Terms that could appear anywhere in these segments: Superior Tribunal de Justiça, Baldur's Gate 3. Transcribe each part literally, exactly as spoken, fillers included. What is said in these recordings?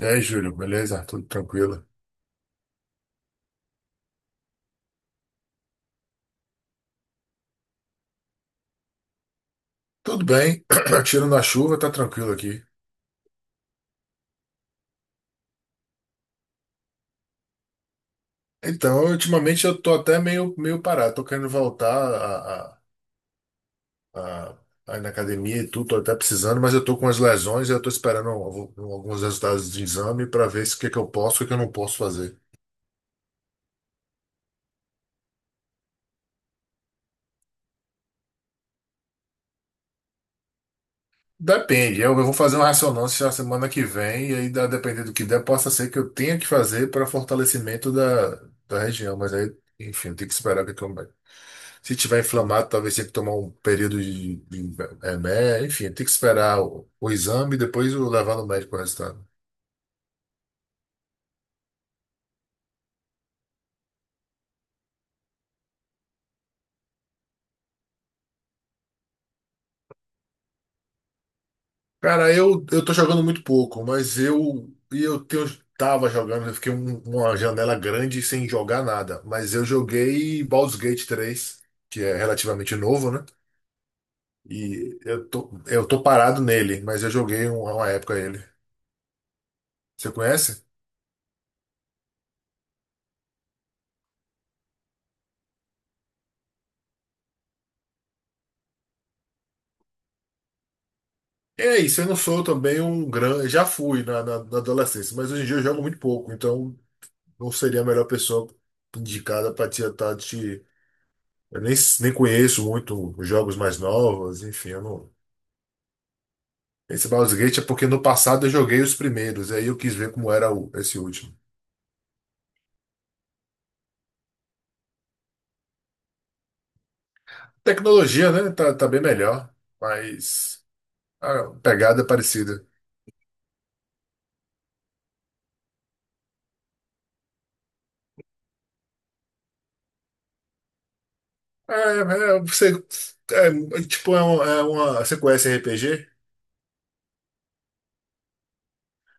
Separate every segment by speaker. Speaker 1: E aí, Júlio, beleza? Tudo tranquilo? Tudo bem, tiro a chuva, tá tranquilo aqui. Então, ultimamente eu tô até meio, meio parado, tô querendo voltar a, a, a- a ir na academia e tudo, tô até precisando, mas eu tô com as lesões e eu tô esperando algum- alguns resultados de exame para ver se o que que eu posso e o que eu não posso fazer. Depende, eu eu vou fazer uma ressonância na semana que vem, e aí, dá- dependendo do que der, possa ser que eu tenha que fazer para fortalecimento da, da região, mas aí, enfim, tem que esperar que eu. Se tiver inflamado, talvez tenha que tomar um período de, de remédio, enfim, tem que esperar o, o exame e depois eu levar no médico o resultado. Cara, eu, eu tô jogando muito pouco, mas eu, e eu tenho, tava jogando, eu fiquei um- uma janela grande sem jogar nada, mas eu joguei Baldur's Gate três, que é relativamente novo, né? E eu tô, eu tô parado nele, mas eu joguei um- uma época ele. Você conhece? É isso, eu não sou também um grande. Já fui na, na, na adolescência, mas hoje em dia eu jogo muito pouco, então não seria a melhor pessoa indicada para te estar te. Eu nem, Nem conheço muito os jogos mais novos, enfim, eu não. Esse Baldur's Gate é porque no passado eu joguei os primeiros, aí eu quis ver como era o, esse último. Tecnologia, né? Tá, tá bem melhor, mas a pegada é parecida. É, é, você, é, tipo, é uma, é uma- você conhece R P G?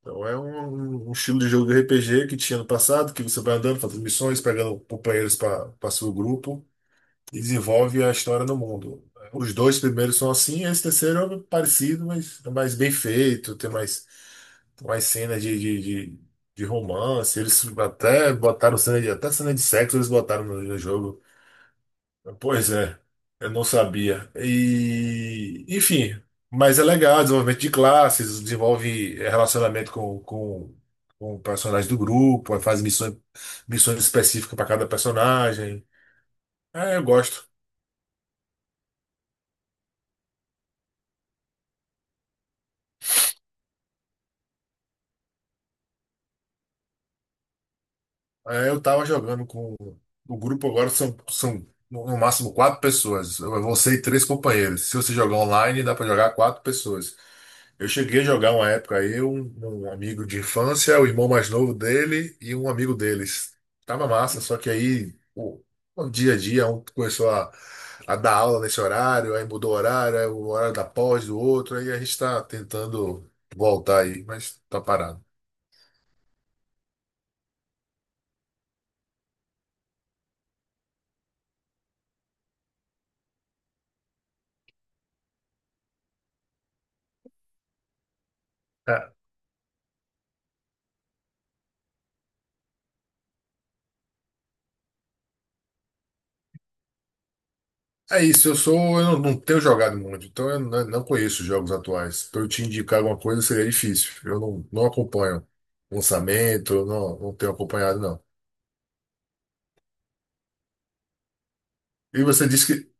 Speaker 1: Então é um, um estilo de jogo de R P G que tinha no passado, que você vai andando, fazendo missões, pegando companheiros para seu grupo e desenvolve a história no mundo. Os dois primeiros são assim, esse terceiro é parecido, mas é mais bem feito, tem mais, mais cenas de, de, de, de romance. Eles até botaram cena de, até cena de sexo, eles botaram no no jogo. Pois é, eu não sabia. E, enfim, mas é legal, desenvolvimento de classes, desenvolve eh, relacionamento com, com, com personagens do grupo, faz missões, missões específicas para cada personagem. É, eu gosto. É, eu tava jogando com o grupo agora são, são no no máximo quatro pessoas. Eu- Você e três companheiros. Se você jogar online, dá pra jogar quatro pessoas. Eu cheguei a jogar uma época aí, um, um amigo de infância, o irmão mais novo dele e um amigo deles. Tava massa, só que aí o, o dia a dia um começou a, a dar aula nesse horário, aí mudou o horário, aí o horário da pós do outro, aí a gente tá tentando voltar aí, mas tá parado. É isso, eu sou, eu não não tenho jogado muito, então eu não não conheço os jogos atuais. Para eu te indicar alguma coisa seria difícil. Eu não, Não acompanho lançamento, eu não, não tenho acompanhado, não. E você disse que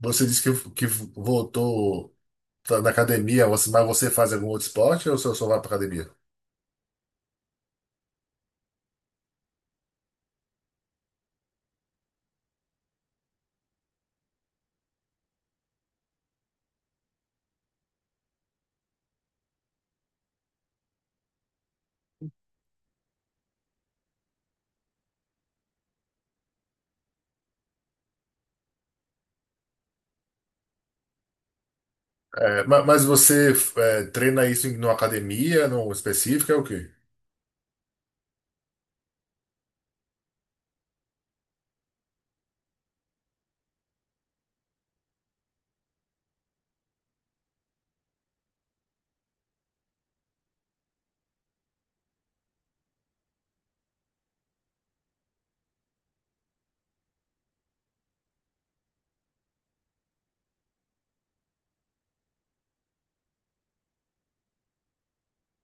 Speaker 1: Você disse que, que voltou tá na academia, você- mas você faz algum outro esporte ou você só vai para academia? É, ma- mas você é, treina isso em numa academia, num específico, é o quê?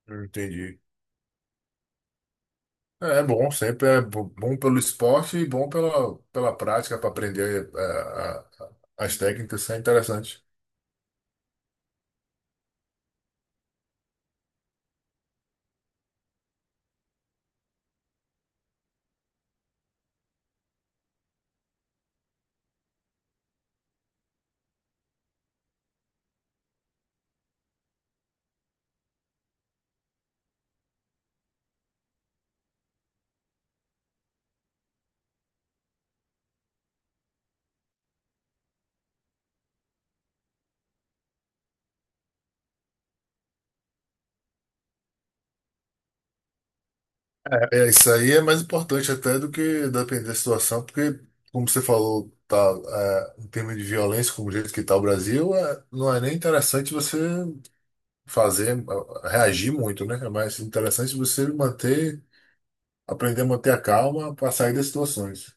Speaker 1: Não entendi. É bom, sempre é bo- bom pelo esporte e bom pela, pela prática para aprender é, a- a- as técnicas, isso é interessante. É, é, isso aí é mais importante até do que depender da situação, porque, como você falou, tá, é, em termos de violência, como o jeito que está o Brasil, é, não é nem interessante você fazer, é, reagir muito, né? É mais interessante você manter, aprender a manter a calma para sair das situações.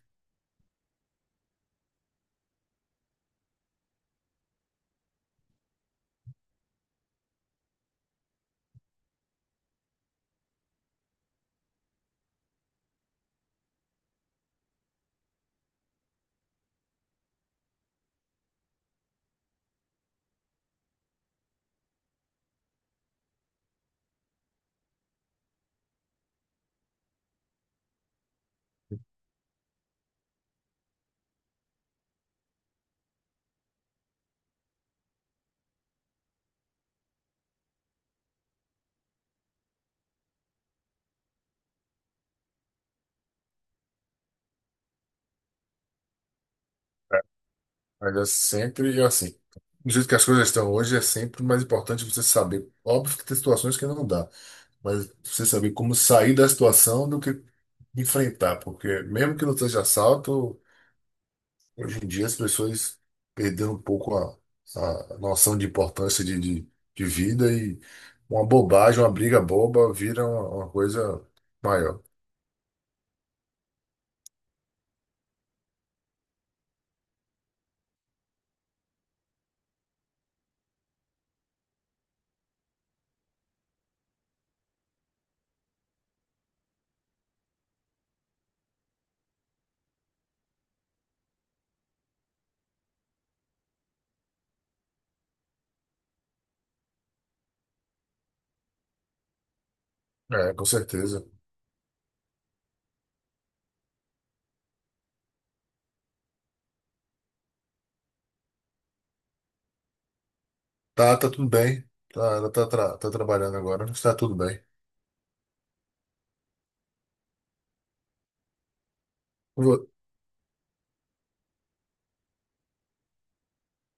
Speaker 1: Mas é sempre, eu, assim, do jeito que as coisas estão hoje, é sempre mais importante você saber. Óbvio que tem situações que não dá, mas você saber como sair da situação do que enfrentar, porque mesmo que não seja assalto, hoje em dia as pessoas perderam um pouco a, a noção de importância de, de, de vida e uma bobagem, uma briga boba vira uma, uma coisa maior. É, com certeza. Tá, tá tudo bem. Tá, ela tá, tra- tá trabalhando agora, mas tá tudo bem.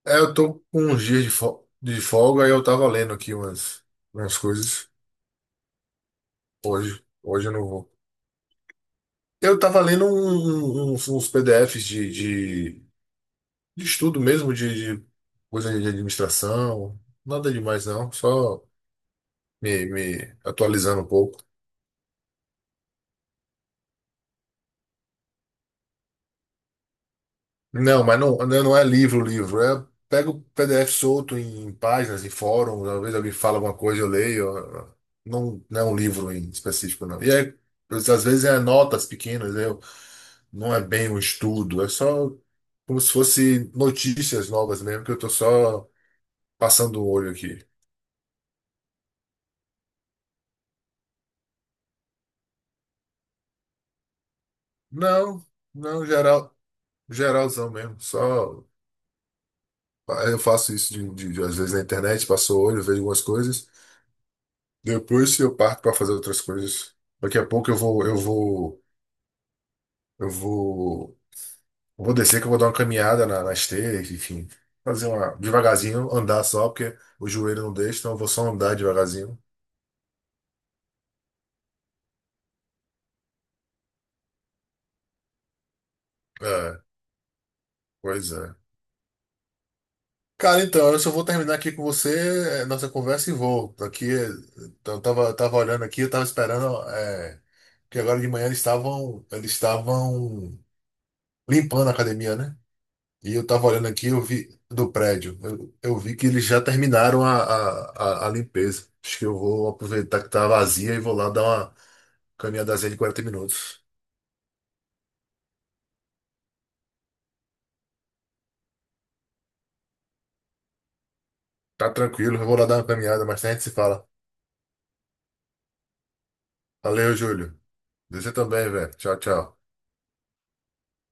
Speaker 1: É, eu tô com uns dias de, fo- de folga e eu tava lendo aqui umas, umas coisas. Hoje, hoje eu não vou. Eu tava lendo um- um- um, uns, uns P D Fs de, de, de estudo mesmo, de, de coisa de administração. Nada demais não, só me, me atualizando um pouco. Não, mas não, não é livro, livro. É, pego o P D F solto em, páginas, em fóruns. Às vezes alguém fala alguma coisa, eu leio. eu- Não, não é um livro em específico, não. E aí, às vezes é notas pequenas, né? Não é bem um estudo, é só como se fosse notícias novas mesmo, que eu tô só passando o olho aqui. Não, não, geral, geralzão mesmo. Só eu faço isso de, de- de- às vezes na internet, passo o olho, vejo algumas coisas. Depois eu parto para fazer outras coisas. Daqui a pouco eu vou, eu vou, eu vou, eu vou descer que eu vou dar uma caminhada na, na esteira, enfim. Fazer uma devagarzinho, andar só, porque o joelho não deixa, então eu vou só andar devagarzinho. É, pois é. Cara, então, eu só vou terminar aqui com você, eh, nossa conversa e vou. Aqui, eh, eu tava, tava olhando aqui, eu tava esperando, é, que agora de manhã eles estavam, eles estavam limpando a academia, né? E eu tava olhando aqui, eu vi do prédio, eu, eu vi que eles já terminaram a, a, a, a limpeza. Acho que eu vou aproveitar que tá vazia e vou lá dar uma caminhadazinha de quarenta minutos. Tá tranquilo, eu vou lá dar uma caminhada, mas a gente se fala. Valeu, Júlio. Você também, velho. Tchau, tchau.